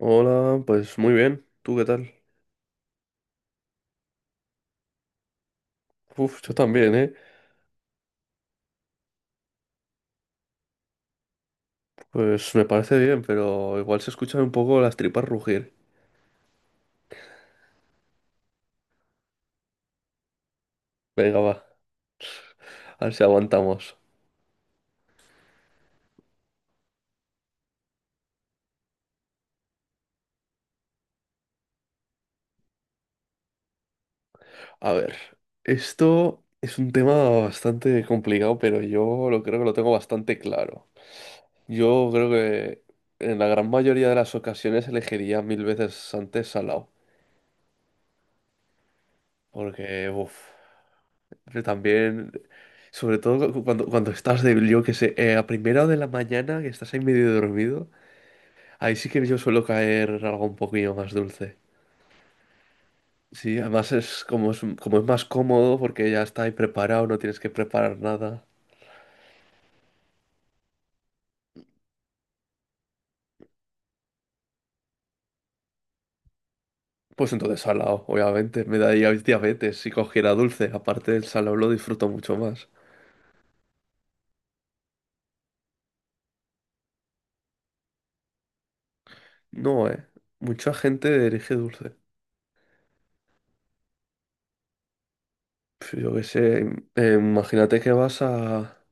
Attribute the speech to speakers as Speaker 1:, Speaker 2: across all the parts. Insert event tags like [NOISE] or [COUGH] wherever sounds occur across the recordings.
Speaker 1: Hola, pues muy bien. ¿Tú qué tal? Uf, yo también, ¿eh? Pues me parece bien, pero igual se escuchan un poco las tripas rugir. Venga, va, a ver si aguantamos. A ver, esto es un tema bastante complicado, pero yo lo creo que lo tengo bastante claro. Yo creo que en la gran mayoría de las ocasiones elegiría mil veces antes salao, porque, uf, también. Sobre todo cuando, cuando estás de, yo que sé, a primera hora de la mañana, que estás ahí medio dormido. Ahí sí que yo suelo caer algo un poquillo más dulce. Sí, además es como es, como es más cómodo porque ya está ahí preparado, no tienes que preparar nada. Pues entonces salado, obviamente. Me daría diabetes si cogiera dulce. Aparte, del salado lo disfruto mucho más. No, eh. Mucha gente elige dulce. Pues yo qué sé. Imagínate que vas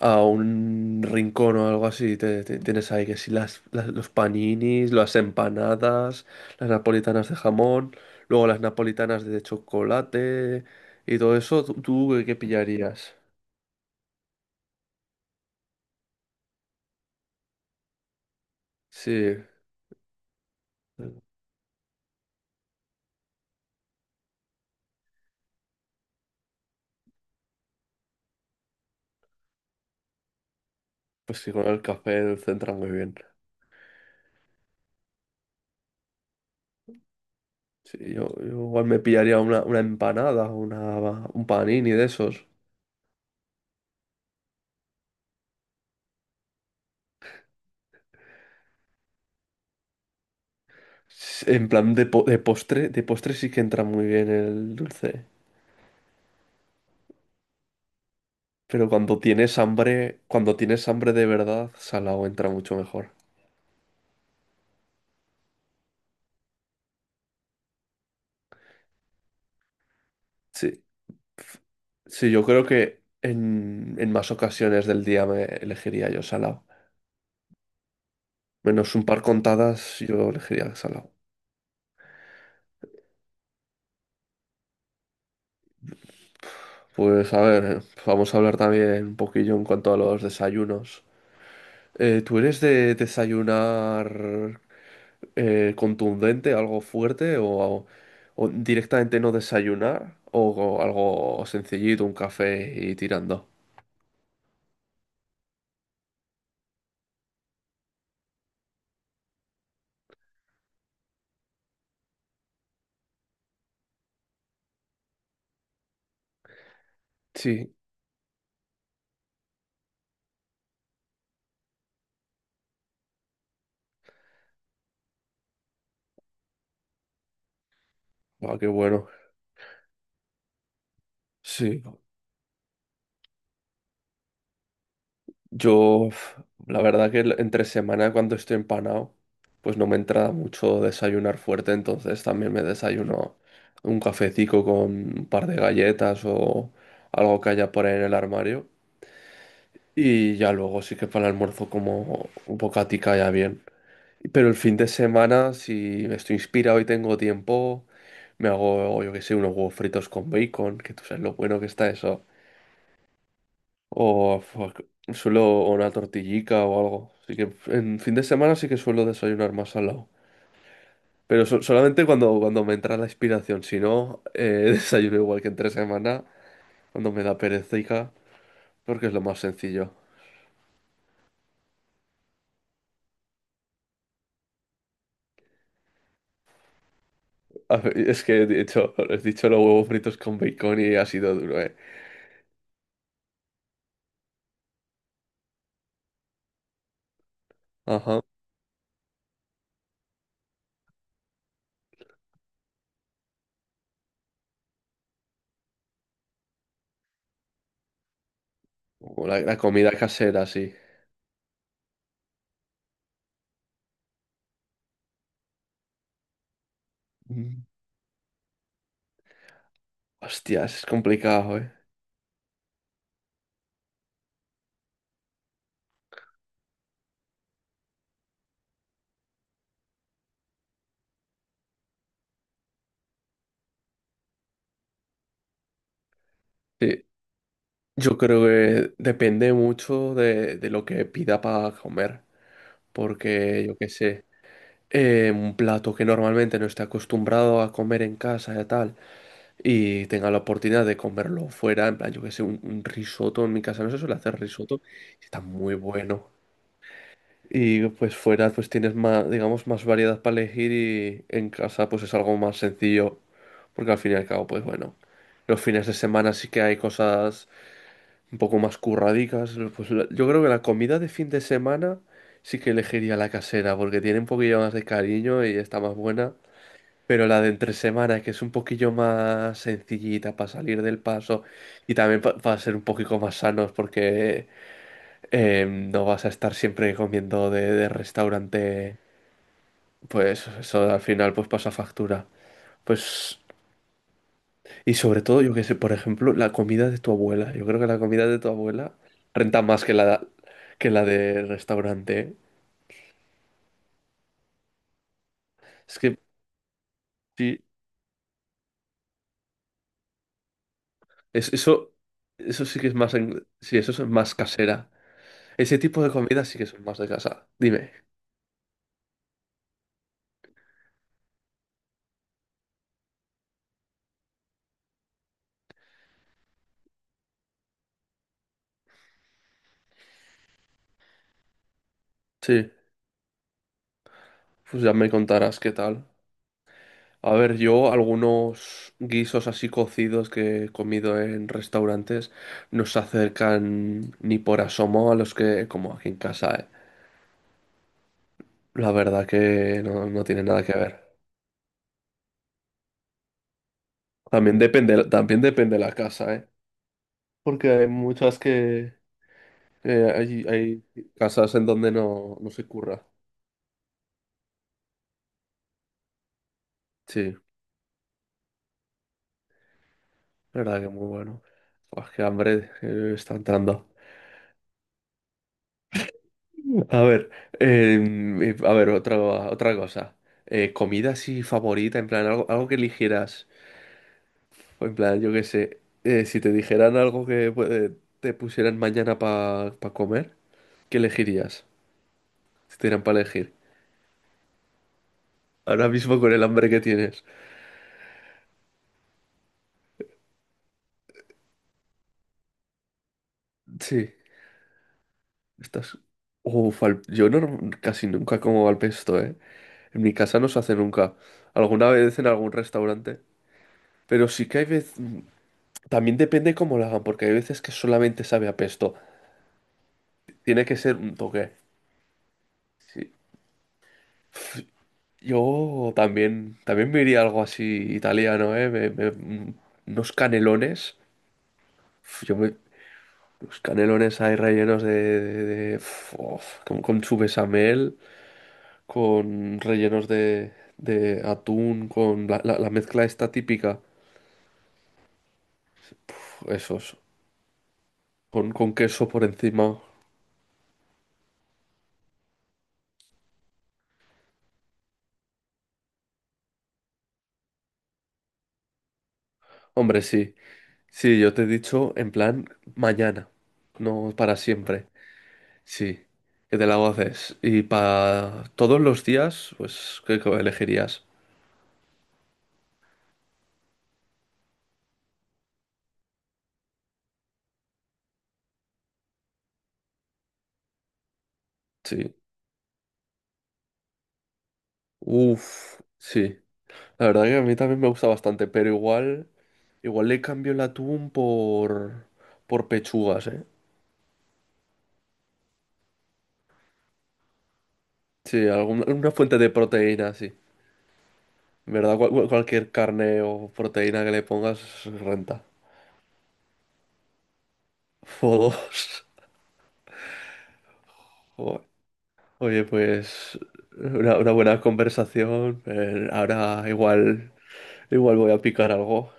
Speaker 1: a un rincón o algo así. Tienes ahí que si las, los paninis, las empanadas, las napolitanas de jamón, luego las napolitanas de chocolate y todo eso, ¿tú, tú qué pillarías? Sí, pues sí, con el café centra muy bien. Sí, yo igual me pillaría una empanada, una, un panini de esos. En plan de, de postre sí que entra muy bien el dulce. Pero cuando tienes hambre de verdad, salado entra mucho mejor. Sí. Sí, yo creo que en más ocasiones del día me elegiría yo salado. Menos un par contadas, yo elegiría salado. Pues a ver, vamos a hablar también un poquillo en cuanto a los desayunos. ¿Tú eres de desayunar contundente, algo fuerte, o directamente no desayunar, o algo sencillito, un café y tirando? Sí, ah, qué bueno. Sí, yo, uf, la verdad que entre semana cuando estoy empanado, pues no me entra mucho desayunar fuerte, entonces también me desayuno un cafecito con un par de galletas o algo que haya por ahí en el armario. Y ya luego sí que para el almuerzo como un bocatica ya bien. Pero el fin de semana, si estoy inspirado y tengo tiempo, me hago, yo qué sé, unos huevos fritos con bacon, que tú sabes lo bueno que está eso. O fuck, suelo o una tortillica o algo. Así que en fin de semana sí que suelo desayunar más salado. Pero solamente cuando, cuando me entra la inspiración. Si no, [LAUGHS] desayuno igual que entre semana, cuando me da perecica, porque es lo más sencillo. A ver, es que he dicho, [LAUGHS] he dicho los huevos fritos con bacon y ha sido duro, ¿eh? Ajá. O la comida casera, sí. Mm. Hostias, es complicado, ¿eh? Sí. Yo creo que depende mucho de lo que pida para comer. Porque yo qué sé, un plato que normalmente no esté acostumbrado a comer en casa y tal, y tenga la oportunidad de comerlo fuera, en plan, yo qué sé, un risotto. En mi casa no se suele hacer risotto, y está muy bueno. Y pues fuera pues tienes más, digamos, más variedad para elegir y en casa pues es algo más sencillo, porque al fin y al cabo, pues bueno, los fines de semana sí que hay cosas un poco más curradicas. Yo creo que la comida de fin de semana sí que elegiría la casera, porque tiene un poquillo más de cariño y está más buena. Pero la de entre semana, que es un poquillo más sencillita para salir del paso y también para ser un poquito más sanos, porque no vas a estar siempre comiendo de restaurante, pues eso al final pues pasa factura. Pues y sobre todo, yo qué sé, por ejemplo, la comida de tu abuela. Yo creo que la comida de tu abuela renta más que la de restaurante, ¿eh? Es que sí, es, eso sí que es más, sí, eso es más casera. Ese tipo de comida sí que son más de casa. Dime. Sí, pues ya me contarás qué tal. A ver, yo algunos guisos así cocidos que he comido en restaurantes no se acercan ni por asomo a los que como aquí en casa, ¿eh? La verdad que no, no tiene nada que ver. También depende de la casa, ¿eh? Porque hay muchas que... hay casas en donde no, no se curra. Sí, verdad que muy bueno. Pues qué hambre, está entrando. A ver, a ver, otra, otra cosa. Comida así favorita, en plan, algo, algo que eligieras. O en plan, yo qué sé, si te dijeran algo que te pusieran mañana para comer, ¿qué elegirías? Si te dieran para elegir. Ahora mismo con el hambre que tienes. Sí. Estas, uf, yo casi nunca como al pesto, ¿eh? En mi casa no se hace nunca. Alguna vez en algún restaurante. Pero sí que hay veces... También depende cómo lo hagan, porque hay veces que solamente sabe a pesto. Tiene que ser un toque. Sí. Yo también, también me iría algo así italiano, ¿eh? Unos canelones. Uf, yo me... Los canelones ahí rellenos de... de- uf, of, con su bechamel. Con rellenos de atún, con la, la mezcla esta típica, esos, con queso por encima. Hombre, sí, sí, yo te he dicho en plan mañana, no para siempre, sí, que te la haces. Y para todos los días, pues, ¿qué qué elegirías? Sí, uff, sí. La verdad que a mí también me gusta bastante, pero igual, igual le cambio el atún por pechugas, ¿eh? Sí, alguna, una fuente de proteína, sí. En ¿verdad? Cualquier carne o proteína que le pongas renta. [LAUGHS] O dos. Joder. Oye, pues una buena conversación. Ahora igual, igual voy a picar algo.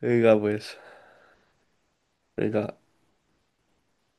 Speaker 1: Venga, pues. Venga.